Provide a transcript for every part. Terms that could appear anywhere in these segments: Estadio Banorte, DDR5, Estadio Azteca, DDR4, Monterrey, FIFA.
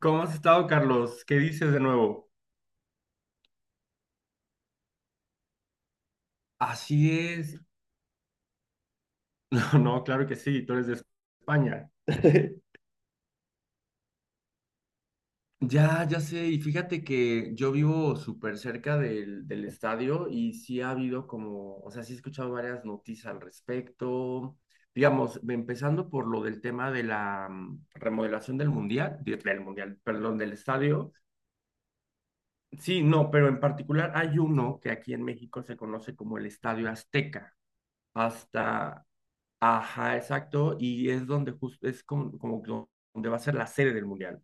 ¿Cómo has estado, Carlos? ¿Qué dices de nuevo? Así es. No, no, claro que sí, tú eres de España. Ya, ya sé, y fíjate que yo vivo súper cerca del estadio y sí ha habido como, o sea, sí he escuchado varias noticias al respecto, digamos, empezando por lo del tema de la remodelación del mundial, del mundial, perdón, del estadio. Sí, no, pero en particular hay uno que aquí en México se conoce como el Estadio Azteca. Hasta. Ajá, exacto, y es donde justo es como, donde va a ser la sede del mundial.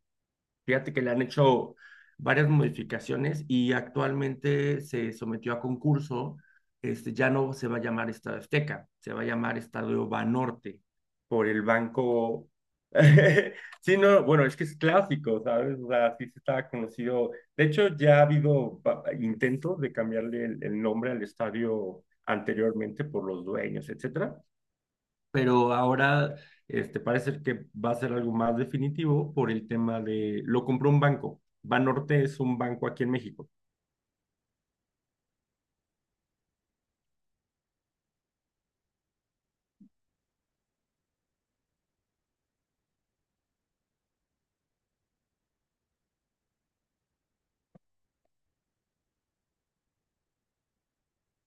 Fíjate que le han hecho varias modificaciones y actualmente se sometió a concurso. Este ya no se va a llamar Estadio Azteca, se va a llamar Estadio Banorte por el banco. Sí, no, bueno, es que es clásico, ¿sabes? O sea, sí se estaba conocido. De hecho, ya ha habido intentos de cambiarle el nombre al estadio anteriormente por los dueños, etcétera, pero ahora este, parece que va a ser algo más definitivo por el tema de, lo compró un banco. Banorte es un banco aquí en México.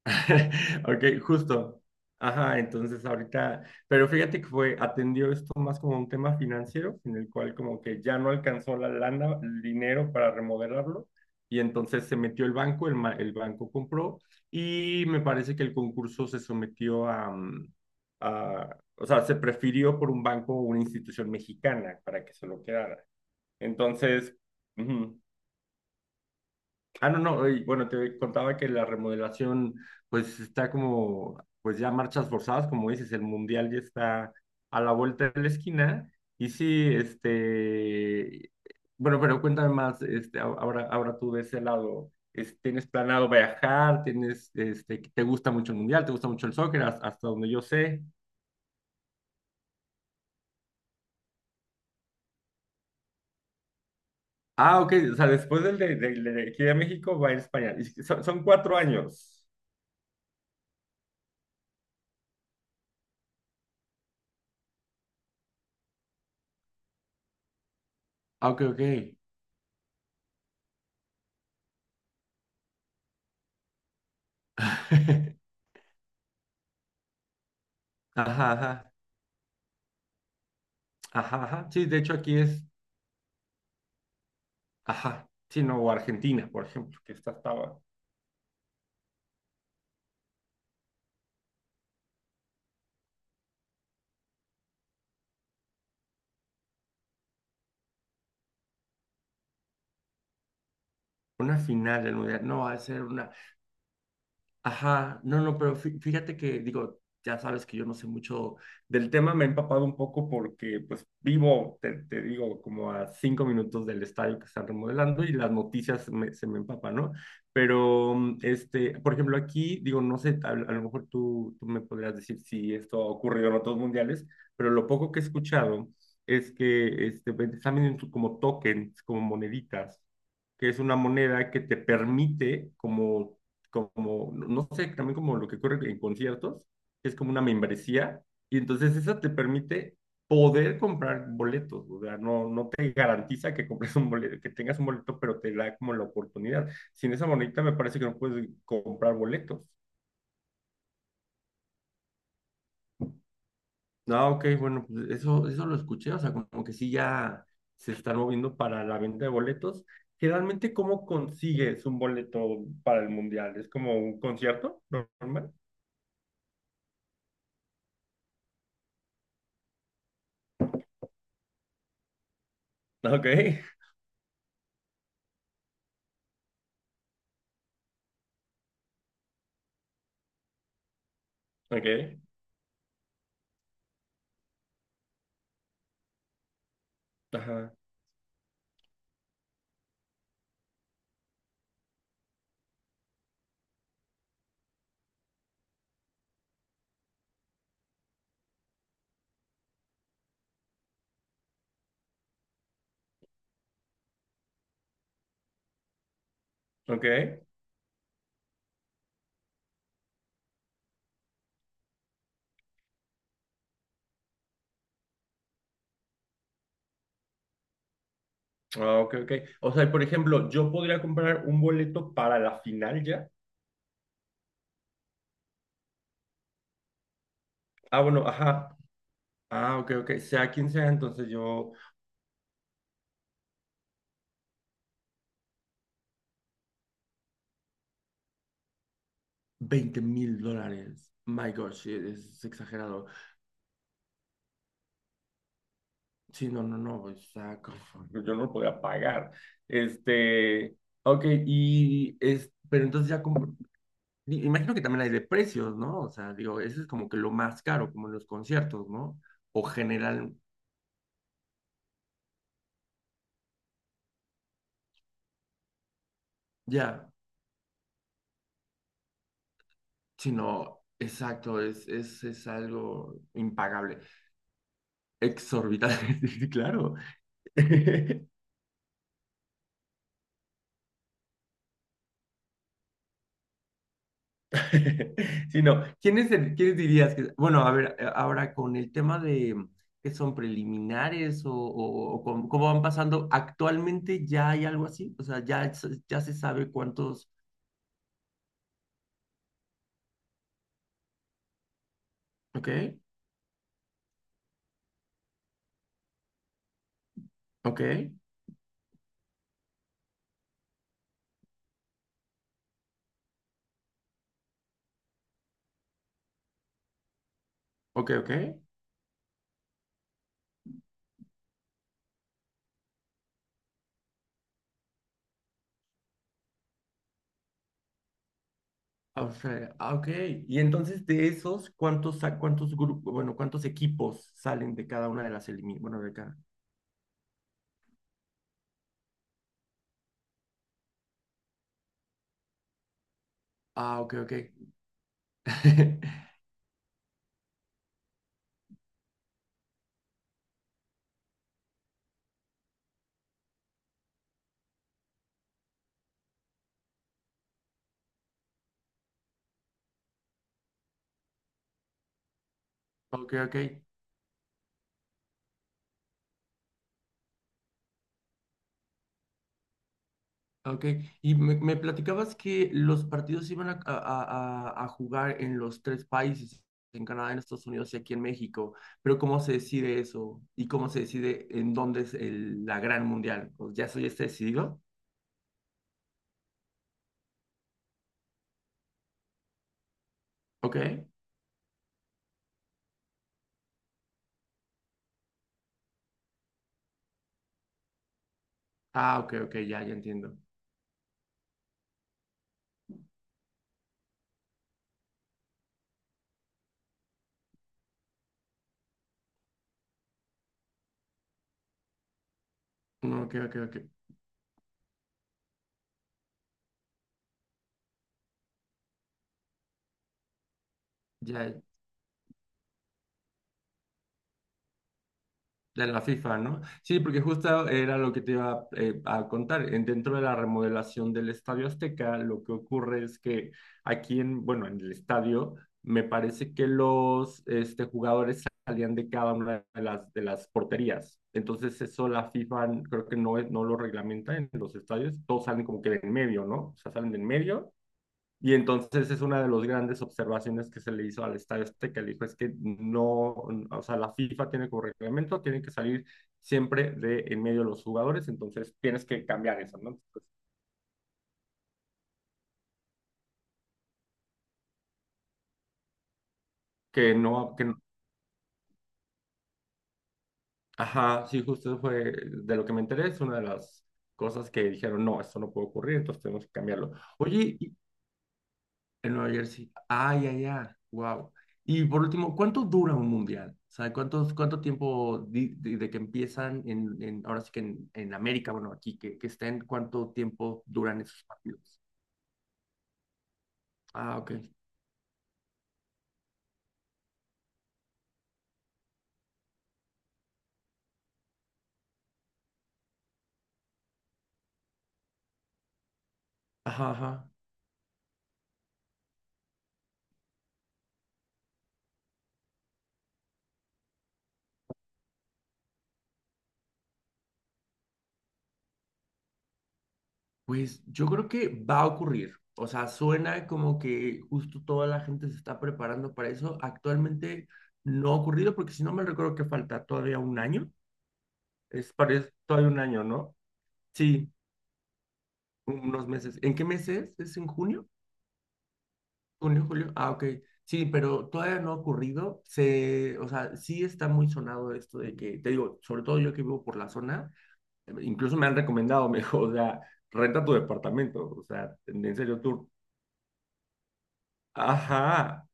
Ok, justo. Ajá, entonces ahorita, pero fíjate que fue, atendió esto más como un tema financiero, en el cual como que ya no alcanzó la lana, el dinero para remodelarlo, y entonces se metió el banco, el banco compró, y me parece que el concurso se sometió a, a, o sea, se prefirió por un banco o una institución mexicana para que se lo quedara. Entonces, ah, no, no, y bueno, te contaba que la remodelación pues está como, pues ya marchas forzadas, como dices, el mundial ya está a la vuelta de la esquina. Y sí, este, bueno, pero cuéntame más, este, ahora, ahora tú de ese lado, ¿tienes planeado viajar? ¿Tienes, este, que te gusta mucho el mundial? ¿Te gusta mucho el soccer? Hasta, donde yo sé. Ah, ok, o sea, después del de aquí de México va a ir a España. Y son 4 años. Ah, ok, ok. Ajá, ajá. Ajá, ajá. Sí, de hecho aquí es, ajá, sí, no, o Argentina, por ejemplo, que esta estaba una final del mundial. No va a ser una. Ajá, no, no, pero fíjate que, digo, ya sabes que yo no sé mucho del tema, me he empapado un poco porque, pues, vivo, te digo, como a 5 minutos del estadio que están remodelando y las noticias se me empapan, ¿no? Pero, este, por ejemplo, aquí, digo, no sé, a lo mejor tú me podrías decir si esto ha ocurrido en otros mundiales, pero lo poco que he escuchado es que, este, están vendiendo como tokens, como moneditas que es una moneda que te permite como no sé, también como lo que ocurre en conciertos, que es como una membresía, y entonces esa te permite poder comprar boletos, o sea, no, no te garantiza que compres un boleto, que tengas un boleto, pero te da como la oportunidad. Sin esa monedita me parece que no puedes comprar boletos. Ah, ok, bueno, pues eso lo escuché, o sea, como que sí ya se están moviendo para la venta de boletos. Generalmente, ¿cómo consigues un boleto para el mundial? ¿Es como un concierto normal? Ok, ok. Ajá, ok. Ah, ok, ok. O sea, por ejemplo, yo podría comprar un boleto para la final ya. Ah, bueno, ajá. Ah, ok, ok. Sea quien sea, entonces yo 20,000 dólares. My gosh, sí, es exagerado. Sí, no, no, no. O sea, yo no lo podía pagar. Este, ok, y es, pero entonces ya como, imagino que también hay de precios, ¿no? O sea, digo, eso es como que lo más caro, como en los conciertos, ¿no? O general, ya. Sino, exacto, es algo impagable, exorbitante, sí, sí, claro. Sino, ¿quiénes, quiénes dirías que, bueno, a ver, ahora con el tema de que son preliminares o, o cómo, cómo van pasando, actualmente ya hay algo así, o sea, ya, ya se sabe cuántos, ok, ok, ok, ok. O sea, ah, ok. Y entonces de esos, ¿cuántos, cuántos grupos, bueno, cuántos equipos salen de cada una de las eliminatorias? Bueno, de cada. Ah, ok, ok. Ok, ok, ok. Y me platicabas que los partidos se iban a jugar en los tres países, en Canadá, en Estados Unidos y aquí en México, pero ¿cómo se decide eso? ¿Y cómo se decide en dónde es la gran mundial? Pues ya eso ya está decidido. Ok. Ah, ok, ok, ya, ya entiendo. No, ok, ok, ok. Ya, de la FIFA, ¿no? Sí, porque justo era lo que te iba a contar. Dentro de la remodelación del Estadio Azteca, lo que ocurre es que aquí en, bueno, en el estadio, me parece que los este, jugadores salían de cada una de de las porterías. Entonces eso la FIFA creo que no, no lo reglamenta en los estadios. Todos salen como que de en medio, ¿no? O sea, salen de en medio y entonces es una de las grandes observaciones que se le hizo al Estadio Azteca. Le dijo, es que no, o sea, la FIFA tiene como reglamento, tiene que salir siempre de en medio de los jugadores, entonces tienes que cambiar eso, ¿no? Pues, que no, que, no, ajá, sí, justo eso fue de lo que me enteré, es una de las cosas que dijeron, no, esto no puede ocurrir, entonces tenemos que cambiarlo. Oye, y, en Nueva Jersey, ay, ay, ay. Wow. Y por último, ¿cuánto dura un mundial? O sea, ¿cuántos, cuánto tiempo de que empiezan en, ahora sí que en América, bueno, aquí que estén, cuánto tiempo duran esos partidos? Ah, ok. Ajá, ajá. Pues yo creo que va a ocurrir. O sea, suena como que justo toda la gente se está preparando para eso. Actualmente no ha ocurrido porque si no me recuerdo que falta todavía un año. Es, parece todavía un año, ¿no? Sí, unos meses. ¿En qué meses? ¿Es en junio? ¿Junio, julio? Ah, ok. Sí, pero todavía no ha ocurrido. Se, o sea, sí está muy sonado esto de que, te digo, sobre todo yo que vivo por la zona, incluso me han recomendado, me dijo, o sea, renta tu departamento. O sea, en serio, tú. Ajá.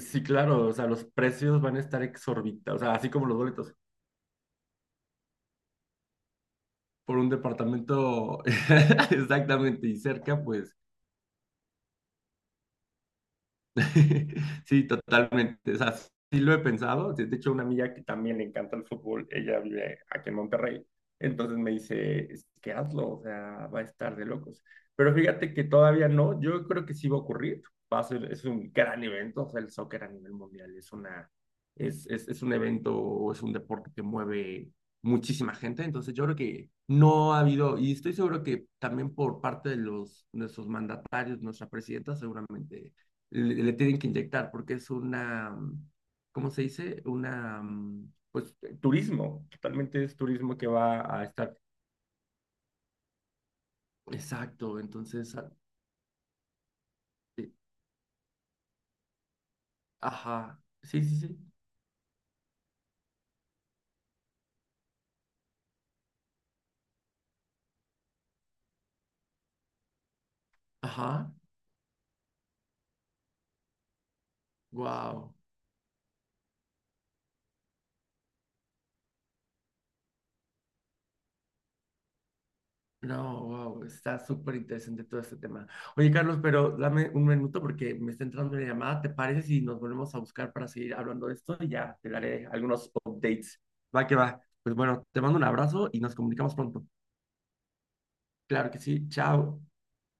Sí, claro, o sea, los precios van a estar exorbitantes, o sea, así como los boletos por un departamento exactamente y cerca, pues, sí, totalmente. O sea, sí lo he pensado. De hecho, una amiga que también le encanta el fútbol, ella vive aquí en Monterrey. Entonces me dice, es que hazlo, o sea, va a estar de locos. Pero fíjate que todavía no, yo creo que sí va a ocurrir. Va a ser, es un gran evento, o sea, el soccer a nivel mundial es una, es un evento, es un deporte que mueve muchísima gente. Entonces yo creo que no ha habido, y estoy seguro que también por parte de nuestros mandatarios, nuestra presidenta, seguramente le tienen que inyectar porque es una, ¿cómo se dice? Una, pues turismo, totalmente es turismo que va a estar. Exacto, entonces, eh, ajá, sí, sí, sí, ajá, wow. No, wow, está súper interesante todo este tema. Oye, Carlos, pero dame un minuto porque me está entrando una llamada. ¿Te parece si nos volvemos a buscar para seguir hablando de esto? Y ya te daré algunos updates. Va que va. Pues bueno, te mando un abrazo y nos comunicamos pronto. Claro que sí. Chao.